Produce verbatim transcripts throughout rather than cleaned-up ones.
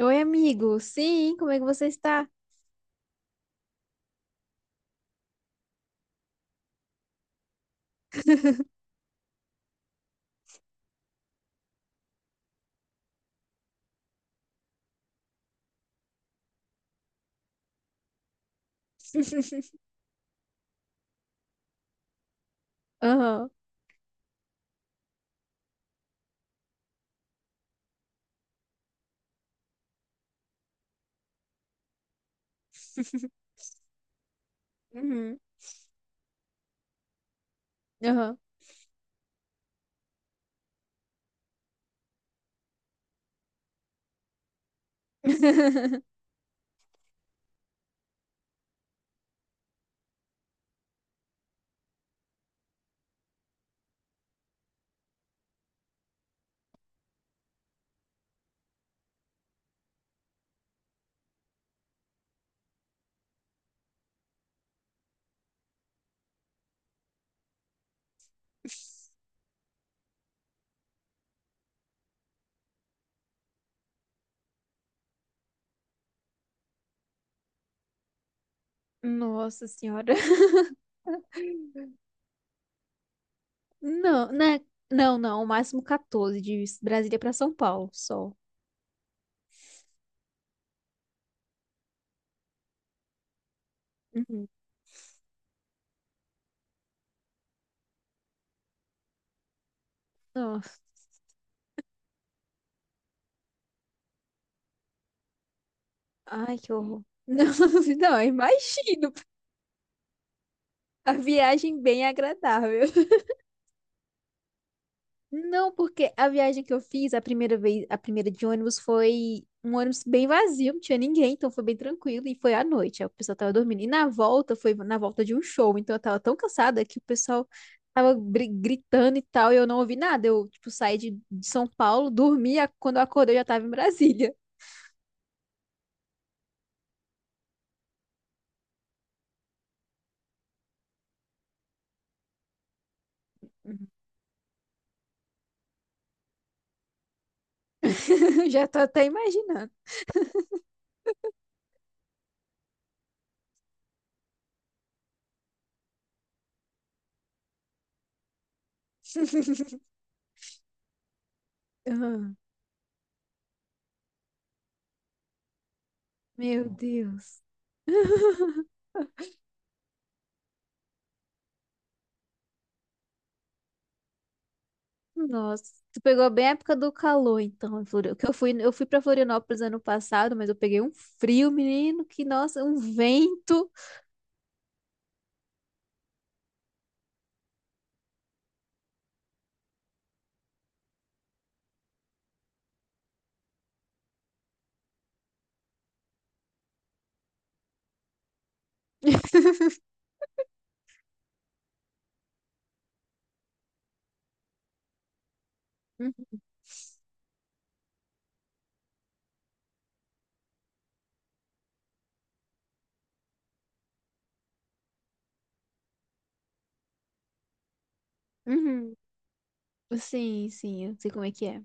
Oi, amigo. Sim, como é que você está? Aham. Uhum. Aham. Nossa senhora. Não, né? Não, não. O máximo catorze de Brasília para São Paulo, só. Uhum. Nossa. Ai, que horror. Não, não, imagino. A viagem bem agradável. Não, porque a viagem que eu fiz, a primeira vez, a primeira de ônibus foi um ônibus bem vazio, não tinha ninguém, então foi bem tranquilo e foi à noite, aí o pessoal tava dormindo. E na volta, foi na volta de um show, então eu tava tão cansada que o pessoal tava bri- gritando e tal, e eu não ouvi nada. Eu, tipo, saí de, de São Paulo, dormi, a- quando eu acordei eu já tava em Brasília. Já tô até imaginando. Ah, meu Deus. Nossa, tu pegou bem a época do calor, então, em Florianópolis. Que eu fui, eu fui para Florianópolis ano passado, mas eu peguei um frio, menino, que nossa, um vento. Uhum. Uhum. Sim, sim, eu sei como é que é.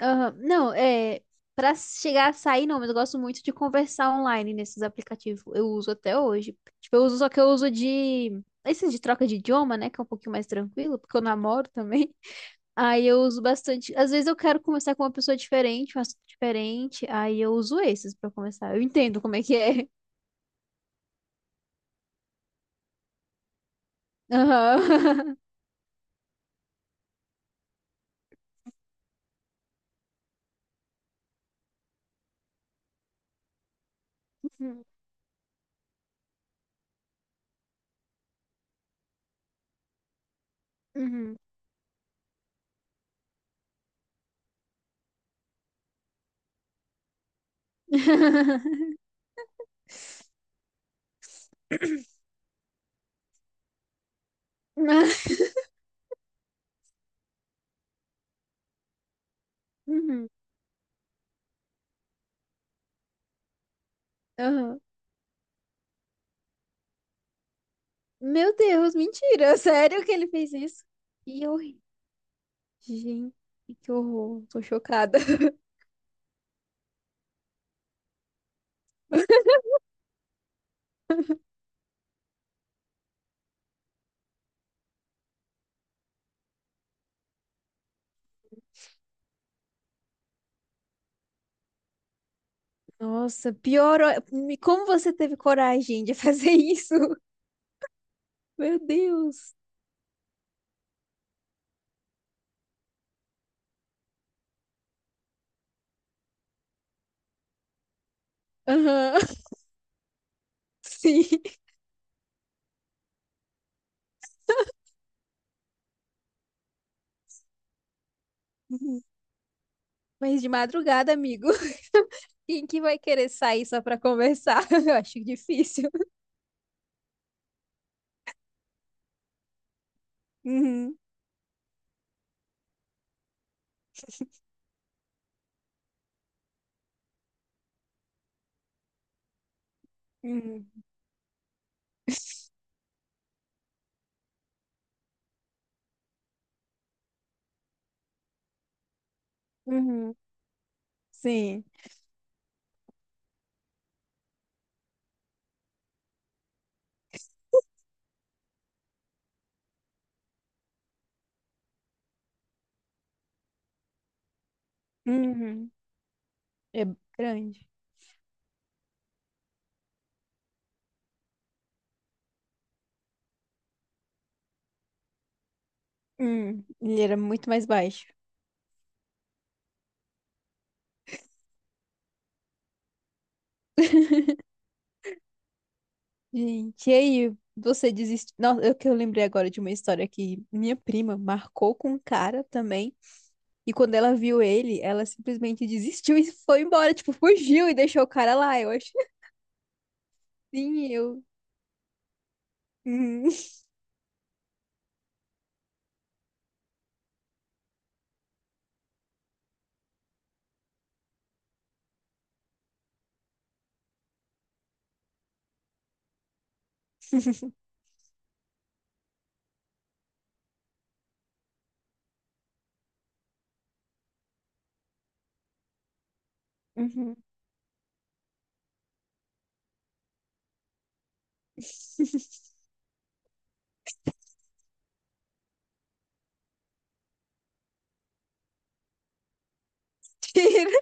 Aham. Não, é para chegar a sair, não, mas eu gosto muito de conversar online nesses aplicativos. Eu uso até hoje. Tipo, eu uso, só que eu uso de esses de troca de idioma, né, que é um pouquinho mais tranquilo, porque eu namoro também. Aí eu uso bastante. Às vezes eu quero conversar com uma pessoa diferente, um assunto diferente. Aí eu uso esses pra começar. Eu entendo como é que é. Aham. Uhum. Uhum. Uhum. Aham. Meu Deus, mentira. Sério que ele fez isso? Que horrível. Gente, que horror. Tô chocada. Nossa, pior. o- Como você teve coragem de fazer isso? Meu Deus. Aham. Sim. Mas de madrugada, amigo. Quem que vai querer sair só pra conversar? Eu acho difícil. Uhum, uhum, uhum. Sim. Uhum. É grande. Hum, ele era muito mais baixo. Gente, e aí, você desiste? Nossa, eu que eu lembrei agora de uma história que minha prima marcou com um cara também. E quando ela viu ele, ela simplesmente desistiu e foi embora. Tipo, fugiu e deixou o cara lá. Eu acho. Sim, eu. Uhum. Uhum. Tira.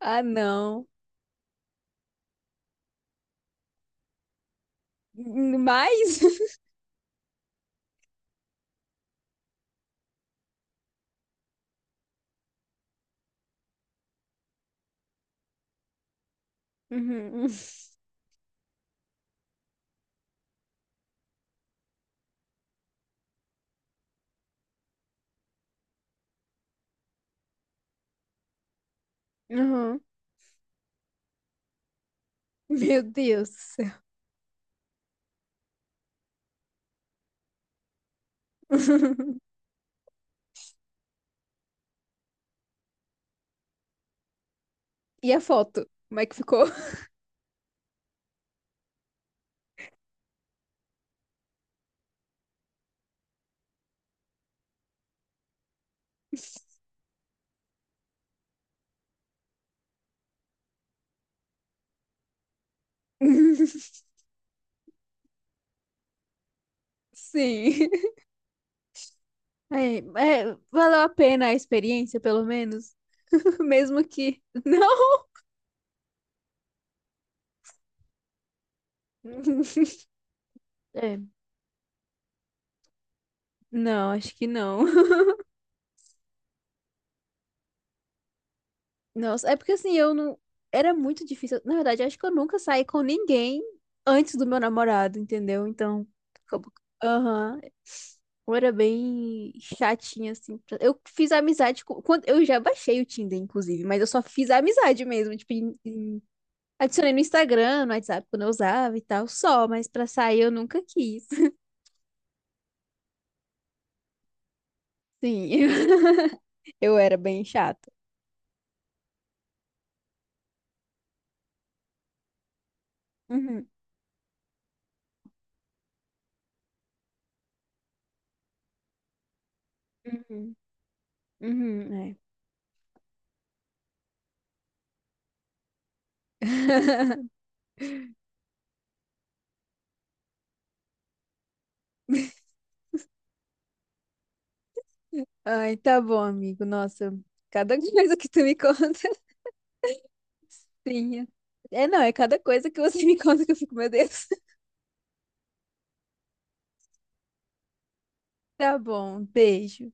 Ah, não. Mais? Uhum. Uhum. Meu Deus do céu. E a foto? Como é que ficou? Sim. É, é, valeu a pena a experiência, pelo menos? Mesmo que. Não. É, não, acho que não. Nossa, é porque assim, eu não. Era muito difícil. Na verdade, eu acho que eu nunca saí com ninguém antes do meu namorado, entendeu? Então, como- aham. Eu era bem chatinha, assim. pra- Eu fiz amizade com. Quando... Eu já baixei o Tinder, inclusive, mas eu só fiz amizade mesmo. Tipo, em- em- adicionei no Instagram, no WhatsApp, quando eu usava e tal, só, mas pra sair eu nunca quis. Sim, eu era bem chata. Uhum, uhum, uhum, é. Ai, tá bom, amigo. Nossa, cada coisa que tu me conta, assim. É, não, é cada coisa que você me conta que eu fico, meu Deus. Tá bom, beijo.